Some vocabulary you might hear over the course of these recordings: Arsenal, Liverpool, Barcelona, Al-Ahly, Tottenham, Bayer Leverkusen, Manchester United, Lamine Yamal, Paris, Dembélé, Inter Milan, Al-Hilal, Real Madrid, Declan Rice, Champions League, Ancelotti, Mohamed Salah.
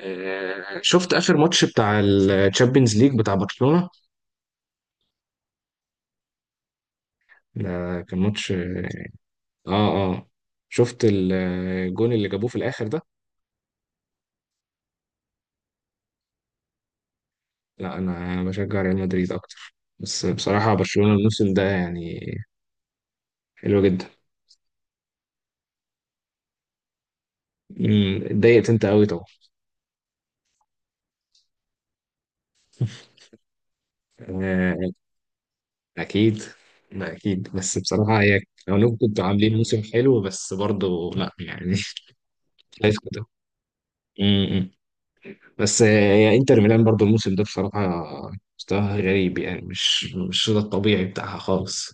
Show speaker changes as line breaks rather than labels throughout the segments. شفت اخر ماتش بتاع الشامبيونز ليج بتاع برشلونة. ده كان ماتش اه. شفت الجون اللي جابوه في الاخر ده. لا انا بشجع ريال مدريد اكتر، بس بصراحة برشلونة الموسم ده يعني حلو جدا. اتضايقت انت قوي طبعا. آه، اكيد. لا اكيد، بس بصراحة هي لو انكم كنتوا عاملين موسم حلو بس برضه لا يعني شايف كده. بس يعني انتر ميلان برضو الموسم ده بصراحة مستواها غريب، يعني مش ده الطبيعي بتاعها خالص.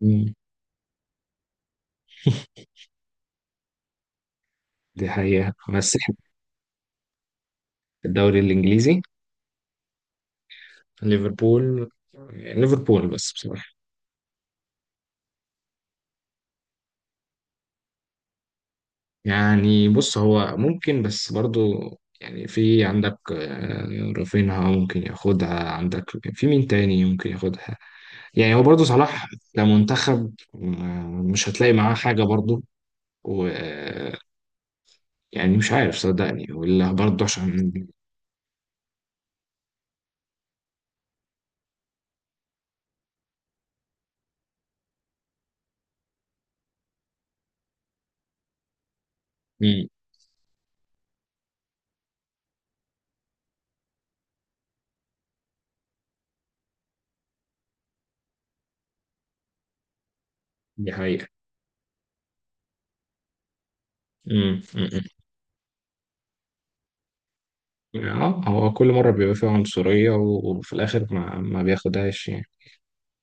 مم. دي حقيقة بس احنا في الدوري الإنجليزي ليفربول. ليفربول بس بصراحة يعني بص، هو ممكن بس برضو يعني في عندك، رافينها ممكن ياخدها عندك. في مين تاني ممكن ياخدها؟ يعني هو برضو صلاح كمنتخب، مش هتلاقي معاه حاجة برضو. يعني مش عارف صدقني ولا برضه عشان. مم. دي حقيقة. مم. مم. اه، هو كل مرة بيبقى فيها عنصرية وفي الآخر ما بياخدهاش يعني.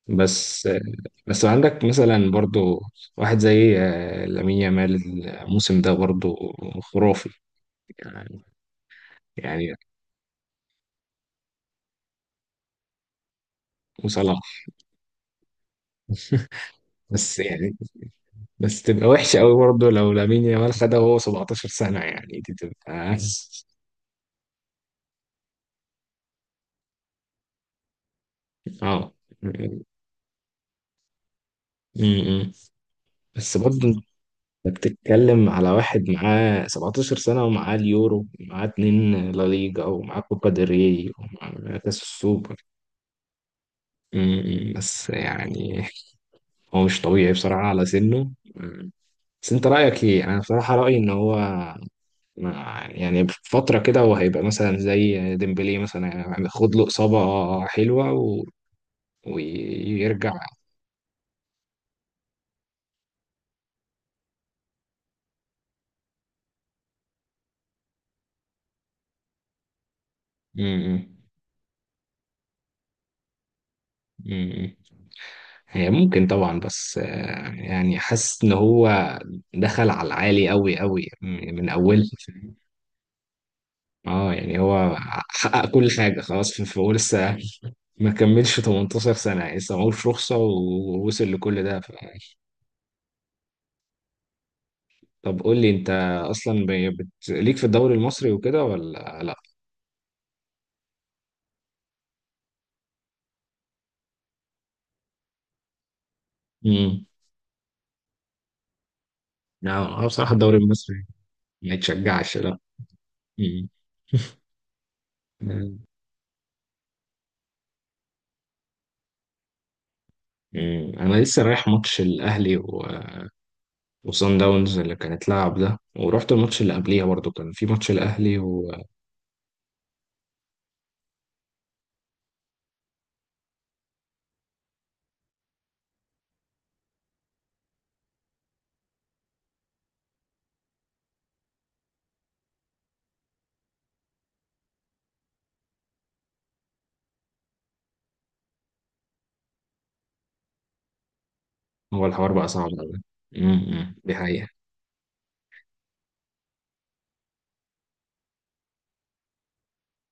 بس بس عندك مثلا برضه واحد زي، لامين يامال الموسم ده برضه خرافي يعني. يعني وصلاح. بس يعني بس تبقى وحشة قوي برضه لو لامين يامال خدها وهو 17 سنة، يعني دي تبقى اه. مم. بس برضه انت بتتكلم على واحد معاه 17 سنة، ومعاه اليورو، ومعاه اتنين لا ليجا، ومعاه كوبا ديل ري، ومعاه كاس السوبر. بس يعني هو مش طبيعي بصراحة على سنه. أمم. بس انت رأيك ايه؟ انا بصراحة رأيي ان هو، يعني في فترة كده هو هيبقى مثلا زي ديمبلي مثلا، يعني خد له إصابة حلوة و ويرجع. أمم، أمم. هي ممكن طبعا، بس يعني حاسس ان هو دخل على العالي قوي قوي، من اول. اه يعني هو حقق كل حاجه خلاص، في في هو لسه ما كملش 18 سنه، يعني لسه معهوش رخصه ووصل لكل ده ف طب قول لي انت، اصلا ليك في الدوري المصري وكده ولا لا؟ امم. لا أنا بصراحه الدوري المصري ما يتشجعش لا. امم. انا لسه رايح ماتش الاهلي وصن داونز اللي كانت لعب ده، ورحت الماتش اللي قبليها برضو كان في ماتش الأهلي وهو الحوار بقى صعب أوي. امم، دي حقيقة.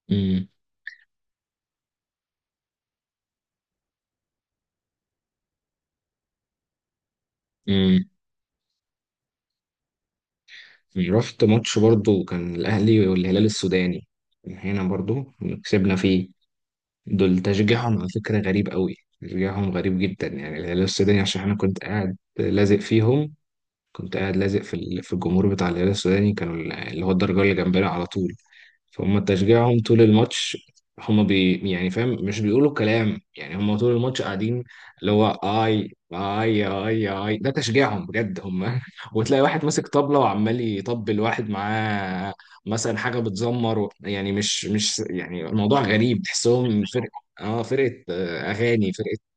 امم. امم. رحت ماتش برضو كان الأهلي والهلال السوداني هنا برضو، كسبنا فيه. دول تشجيعهم على فكرة غريب قوي، تشجيعهم غريب جدا، يعني الهلال السوداني، عشان أنا كنت قاعد لازق فيهم. كنت قاعد لازق في في الجمهور بتاع الهلال السوداني، كانوا اللي هو الدرجة اللي جنبنا على طول. فهم تشجيعهم طول الماتش، هم بي يعني فاهم مش بيقولوا كلام، يعني هم طول الماتش قاعدين اللي هو اي اي اي اي، ده تشجيعهم بجد هم وتلاقي واحد ماسك طبلة وعمال يطبل، واحد معاه مثلا حاجة بتزمر و يعني مش يعني الموضوع غريب، تحسهم فرقة. اه فرقة، اغاني فرقة.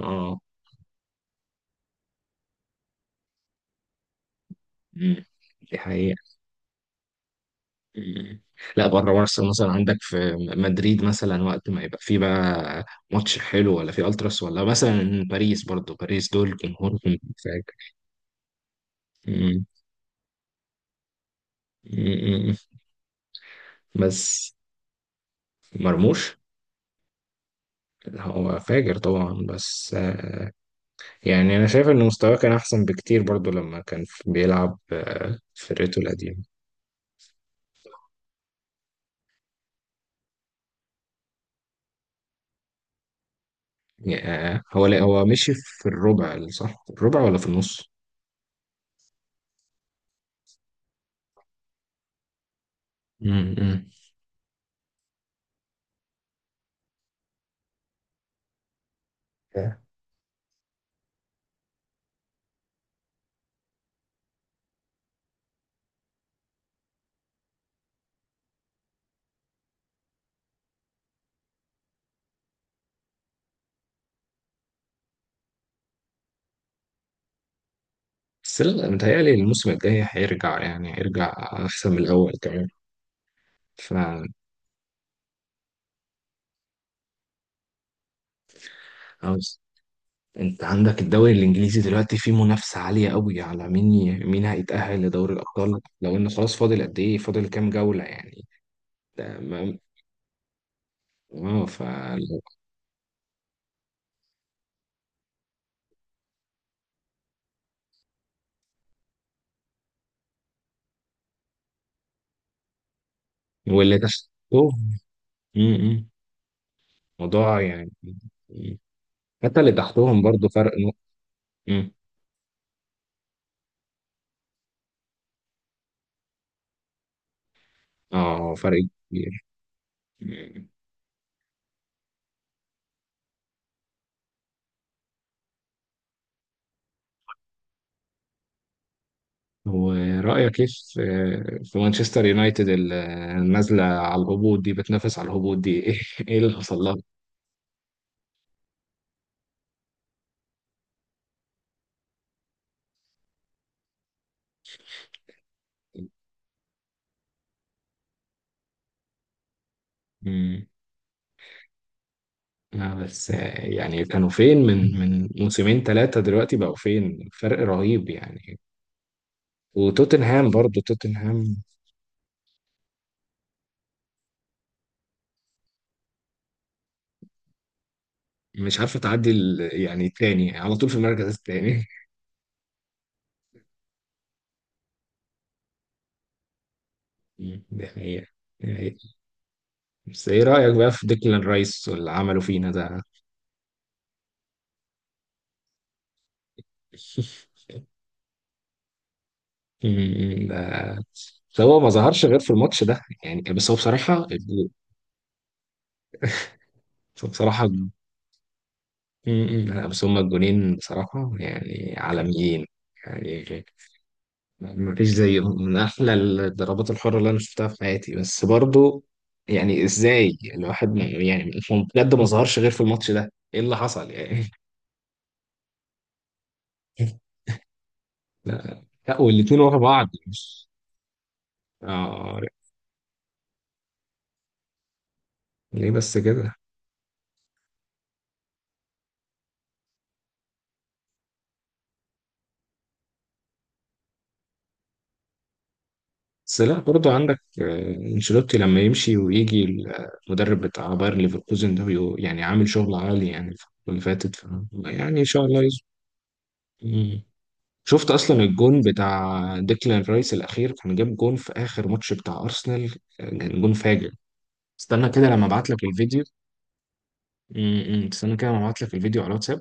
اه. مم. دي حقيقة. مم. لا بره مارسل مثلا، عندك في مدريد مثلا وقت ما يبقى في بقى ماتش حلو ولا في التراس، ولا مثلا باريس، برضو باريس دول جمهورهم فاجر. مم. مم. بس مرموش هو فاجر طبعا، بس يعني انا شايف ان مستواه كان احسن بكتير برضو لما كان بيلعب، في فرقته القديمه. يعني، هو لا هو مشي في الربع، صح الربع ولا في النص؟ مم. بس لا متهيألي الموسم الجاي هيرجع، يعني هيرجع أحسن من الأول كمان. ف عاوز- أنت عندك الدوري الإنجليزي دلوقتي فيه منافسة عالية قوي على مين مين هيتأهل لدوري الأبطال، لو إن خلاص فاضل قد إيه، فاضل كام جولة يعني؟ ده ما... آه ف. واللي تحتهم، م- م. موضوع يعني. حتى اللي تحتهم برضه فرق نقطة. م. آه فرق كبير. م. ورأيك ايه في في مانشستر يونايتد النازلة على الهبوط دي، بتنافس على الهبوط دي ايه ايه اللي حصل لها؟ مم. لا بس يعني كانوا فين من موسمين ثلاثة، دلوقتي بقوا فين؟ فرق رهيب يعني. وتوتنهام، برضو توتنهام مش عارفة تعدي يعني التاني على طول في المركز التاني. مم. دي حقيقة. دي حقيقة. بس ايه رأيك بقى في ديكلان رايس واللي عمله فينا ده؟ ده بس هو ما ظهرش غير في الماتش ده يعني، بس هو بصراحة. بصراحة أمم. لا، بس هما الجونين بصراحة يعني عالميين. يعني ما فيش زيهم، من أحلى الضربات الحرة اللي أنا شفتها في حياتي. بس برضو يعني إزاي الواحد يعني هو بجد ما ظهرش غير في الماتش ده، إيه اللي حصل يعني؟ لا لا، والاتنين ورا بعض مش آه. ليه بس كده؟ بس لا برضه عندك، انشيلوتي لما يمشي ويجي المدرب بتاع باير ليفركوزن ده يعني عامل شغل عالي يعني الفترة اللي فاتت ف يعني ان شاء الله يظبط. مم. شفت اصلا الجون بتاع ديكلان رايس الاخير كان جاب جون في اخر ماتش بتاع ارسنال، كان جون فاجر. استنى كده لما ابعت لك الفيديو. مم، مم. استنى كده لما ابعت لك الفيديو على الواتساب.